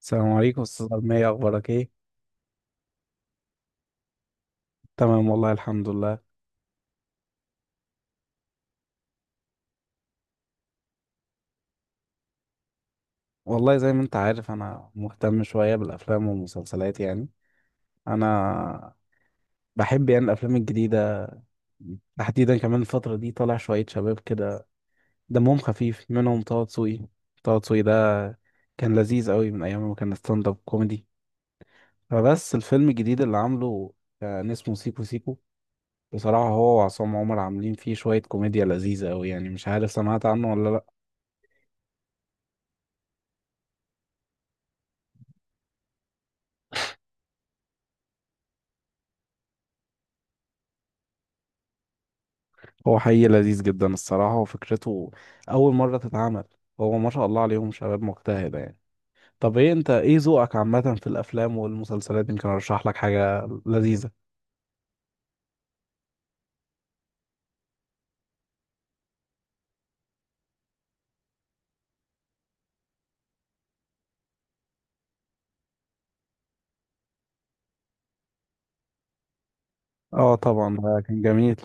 السلام عليكم، استاذ أرمية. اخبارك ايه؟ تمام، والله الحمد لله. والله زي ما انت عارف، انا مهتم شوية بالافلام والمسلسلات يعني. انا بحب يعني الافلام الجديدة. تحديدا كمان الفترة دي طالع شوية شباب كده دمهم خفيف، منهم طه دسوقي. طه دسوقي ده كان لذيذ قوي من ايام ما كان ستاند اب كوميدي. فبس الفيلم الجديد اللي عامله كان اسمه سيكو سيكو. بصراحة هو وعصام عمر عاملين فيه شوية كوميديا لذيذة قوي يعني، مش عارف سمعت عنه ولا لأ. هو حقيقي لذيذ جدا الصراحة، وفكرته أول مرة تتعمل. هو ما شاء الله عليهم شباب مجتهدة يعني. طب انت ايه ذوقك عامة في الأفلام والمسلسلات؟ يمكن أرشح لك حاجة لذيذة. اه، طبعا ده كان جميل.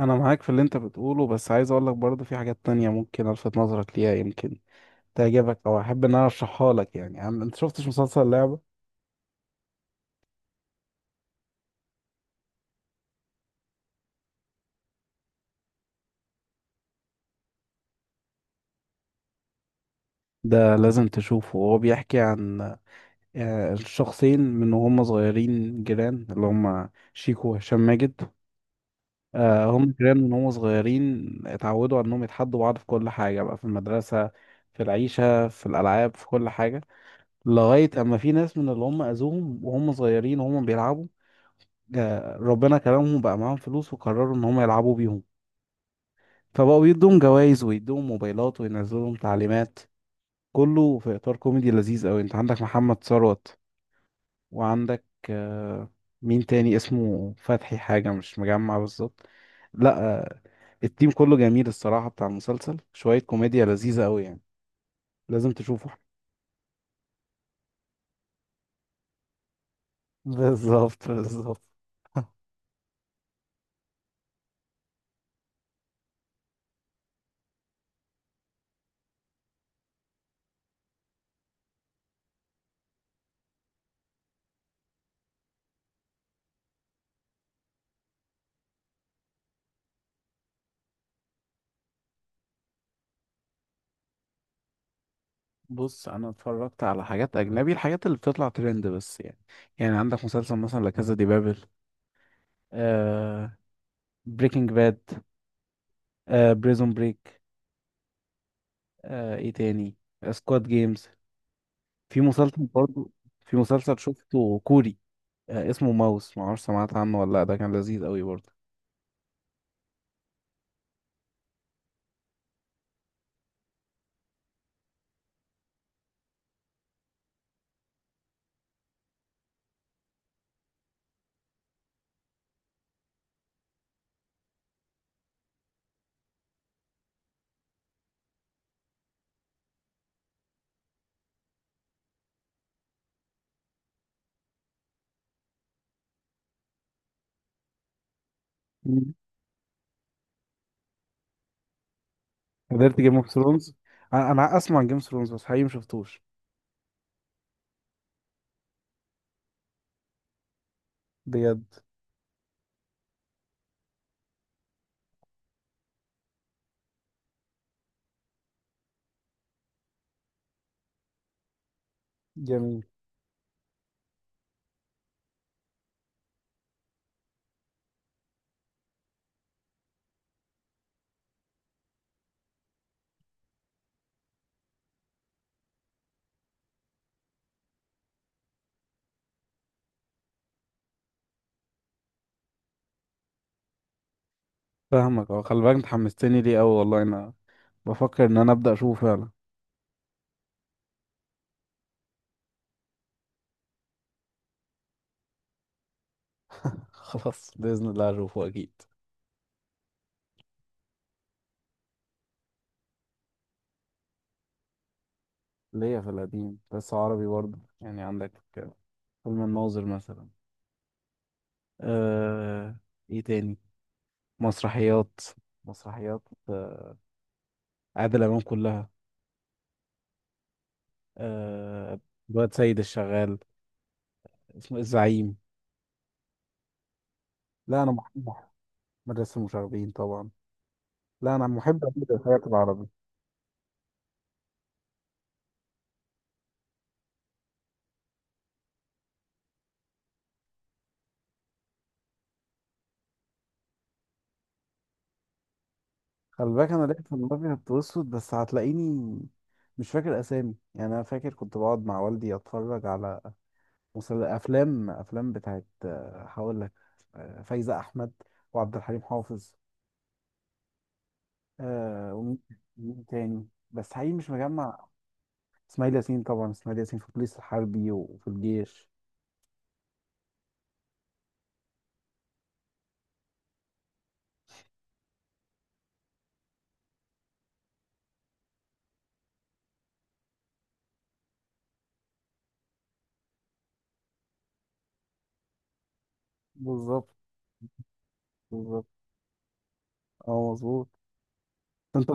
أنا معاك في اللي انت بتقوله، بس عايز أقول لك برضه في حاجات تانية ممكن ألفت نظرك ليها، يمكن تعجبك أو أحب إن أنا أرشحها لك. يعني انت شفتش مسلسل لعبة؟ ده لازم تشوفه. هو بيحكي عن الشخصين من وهم صغيرين جيران، اللي هم شيكو وهشام ماجد. هم كمان من هم صغيرين اتعودوا على انهم يتحدوا بعض في كل حاجة، بقى في المدرسة، في العيشة، في الألعاب، في كل حاجة. لغاية أما في ناس من اللي هم أذوهم وهم صغيرين وهم بيلعبوا، ربنا كرمهم بقى معاهم فلوس وقرروا إن هم يلعبوا بيهم. فبقوا يدوهم جوائز ويدوهم موبايلات وينزلوا لهم تعليمات، كله في إطار كوميدي لذيذ أوي. أنت عندك محمد ثروت، وعندك آه، مين تاني اسمه فتحي حاجة، مش مجمع بالظبط. لا، التيم كله جميل الصراحة بتاع المسلسل، شوية كوميديا لذيذة قوي يعني. لازم تشوفه. بالظبط بالظبط. بص، انا اتفرجت على حاجات اجنبي، الحاجات اللي بتطلع ترند بس يعني. يعني عندك مسلسل مثلا لا كازا دي بابل، آه بريكنج باد، بريزون بريك، ايه تاني، سكواد جيمز. في مسلسل برضو. في مسلسل شفته كوري اسمه ماوس، ما اعرفش سمعت عنه ولا لا، ده كان لذيذ قوي برضه. مم. قدرت جيم اوف ثرونز؟ أنا اسمع عن جيم اوف ثرونز بس حقيقي مشفتوش. بجد. جميل. فاهمك. اه، خلي بالك انت حمستني ليه قوي، والله انا بفكر ان انا ابدا اشوفه فعلا. خلاص، باذن الله اشوفه اكيد. ليا في القديم بس عربي برضه، يعني عندك فيلم الناظر مثلا. آه... ايه تاني؟ مسرحيات. مسرحيات آه، عادل امام كلها. آه... الواد سيد الشغال. اسمه إيه؟ الزعيم. لا، انا محب مدرسه المشاغبين طبعا. لا، انا محب أكيد الحاجات العربي. خلي بالك انا لعبت في الابيض والاسود، بس هتلاقيني مش فاكر اسامي يعني. انا فاكر كنت بقعد مع والدي اتفرج على افلام بتاعت هقول لك فايزة احمد وعبد الحليم حافظ. ومين تاني بس حقيقي مش مجمع. اسماعيل ياسين طبعا. اسماعيل ياسين في البوليس الحربي وفي الجيش. بالظبط بالظبط. اه، مظبوط. انت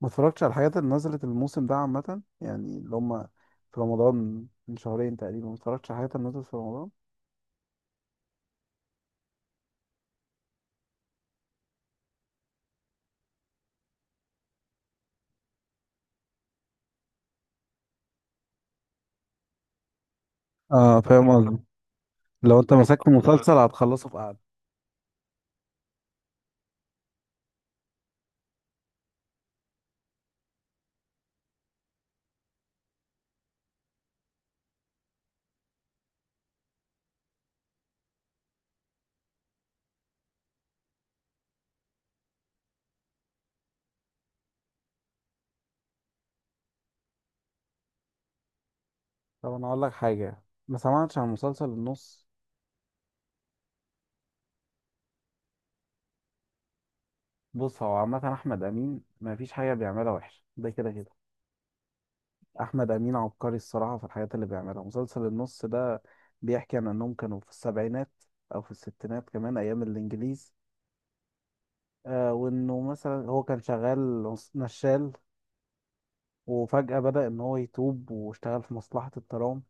ما اتفرجتش على الحاجات اللي نزلت الموسم ده عامة، يعني اللي هم في رمضان، من شهرين تقريبا، ما اتفرجتش على الحاجات اللي نزلت في رمضان. اه، فاهم قصدي، لو انت مسكت مسلسل هتخلصه في قعدة. طب انا اقول لك حاجة، ما سمعتش عن مسلسل النص؟ بص، هو عامة احمد امين ما فيش حاجة بيعملها وحشة، ده كده كده. احمد امين عبقري الصراحة في الحاجات اللي بيعملها. مسلسل النص ده بيحكي عن انهم كانوا في السبعينات او في الستينات، كمان ايام الانجليز. آه، وانه مثلا هو كان شغال نشال، وفجأة بدأ إن هو يتوب واشتغل في مصلحة الترام.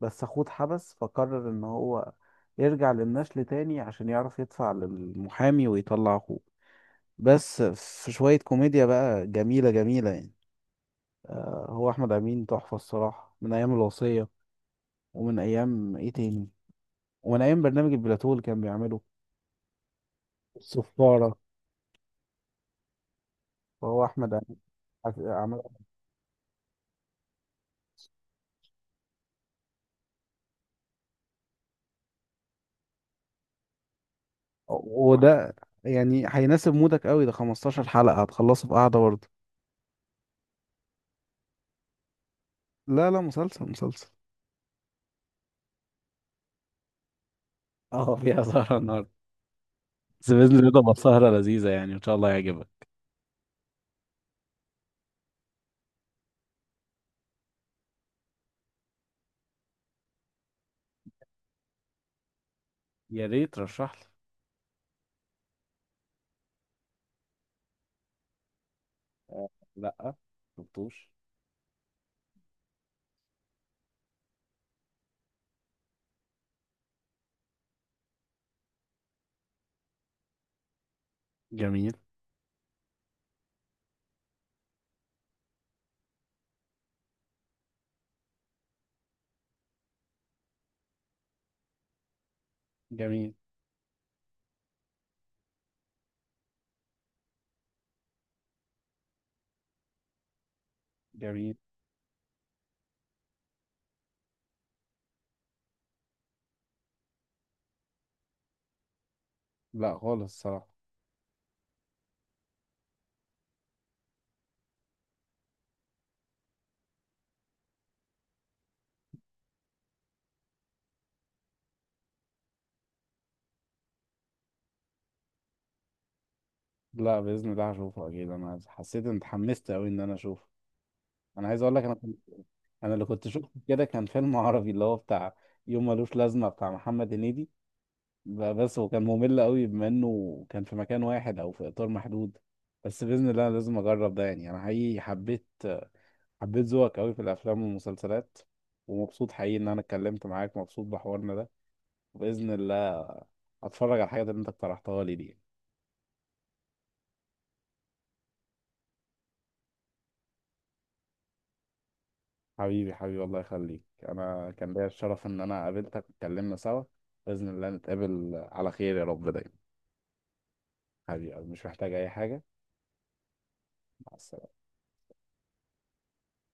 بس أخوه اتحبس، فقرر إن هو يرجع للنشل تاني عشان يعرف يدفع للمحامي ويطلع أخوه. بس في شوية كوميديا بقى جميلة جميلة يعني. آه، هو أحمد أمين تحفة الصراحة من أيام الوصية، ومن أيام إيه تاني، ومن أيام برنامج البلاتو اللي كان بيعمله، الصفارة. فهو أحمد أمين عمل. وده يعني هيناسب مودك قوي، ده 15 حلقة هتخلصه في قعدة برضه. لا لا، مسلسل مسلسل. اه، فيها سهرة النهاردة، بس بإذن الله تبقى سهرة لذيذة يعني، إن شاء الله يعجبك. يا ريت رشح لي. لأ، شفتوش. جميل جميل جميل. لا، خالص الصراحة. لا، بإذن الله هشوفه أكيد، أنا حسيت إن اتحمست أوي إن أنا أشوفه. أنا عايز أقول لك. أنا اللي كنت شفته كده كان فيلم عربي اللي هو بتاع يوم ملوش لازمة بتاع محمد هنيدي. بس هو كان ممل أوي بما إنه كان في مكان واحد أو في إطار محدود. بس بإذن الله أنا لازم أجرب ده يعني. أنا حقيقي حبيت ذوقك قوي في الافلام والمسلسلات، ومبسوط حقيقي ان انا اتكلمت معاك، مبسوط بحوارنا ده. وباذن الله هتفرج على الحاجات اللي انت اقترحتها لي دي. حبيبي حبيبي الله يخليك. انا كان ليا الشرف ان انا قابلتك واتكلمنا سوا. باذن الله نتقابل على خير يا رب دايما. حبيبي، مش محتاج اي حاجه. مع السلامه.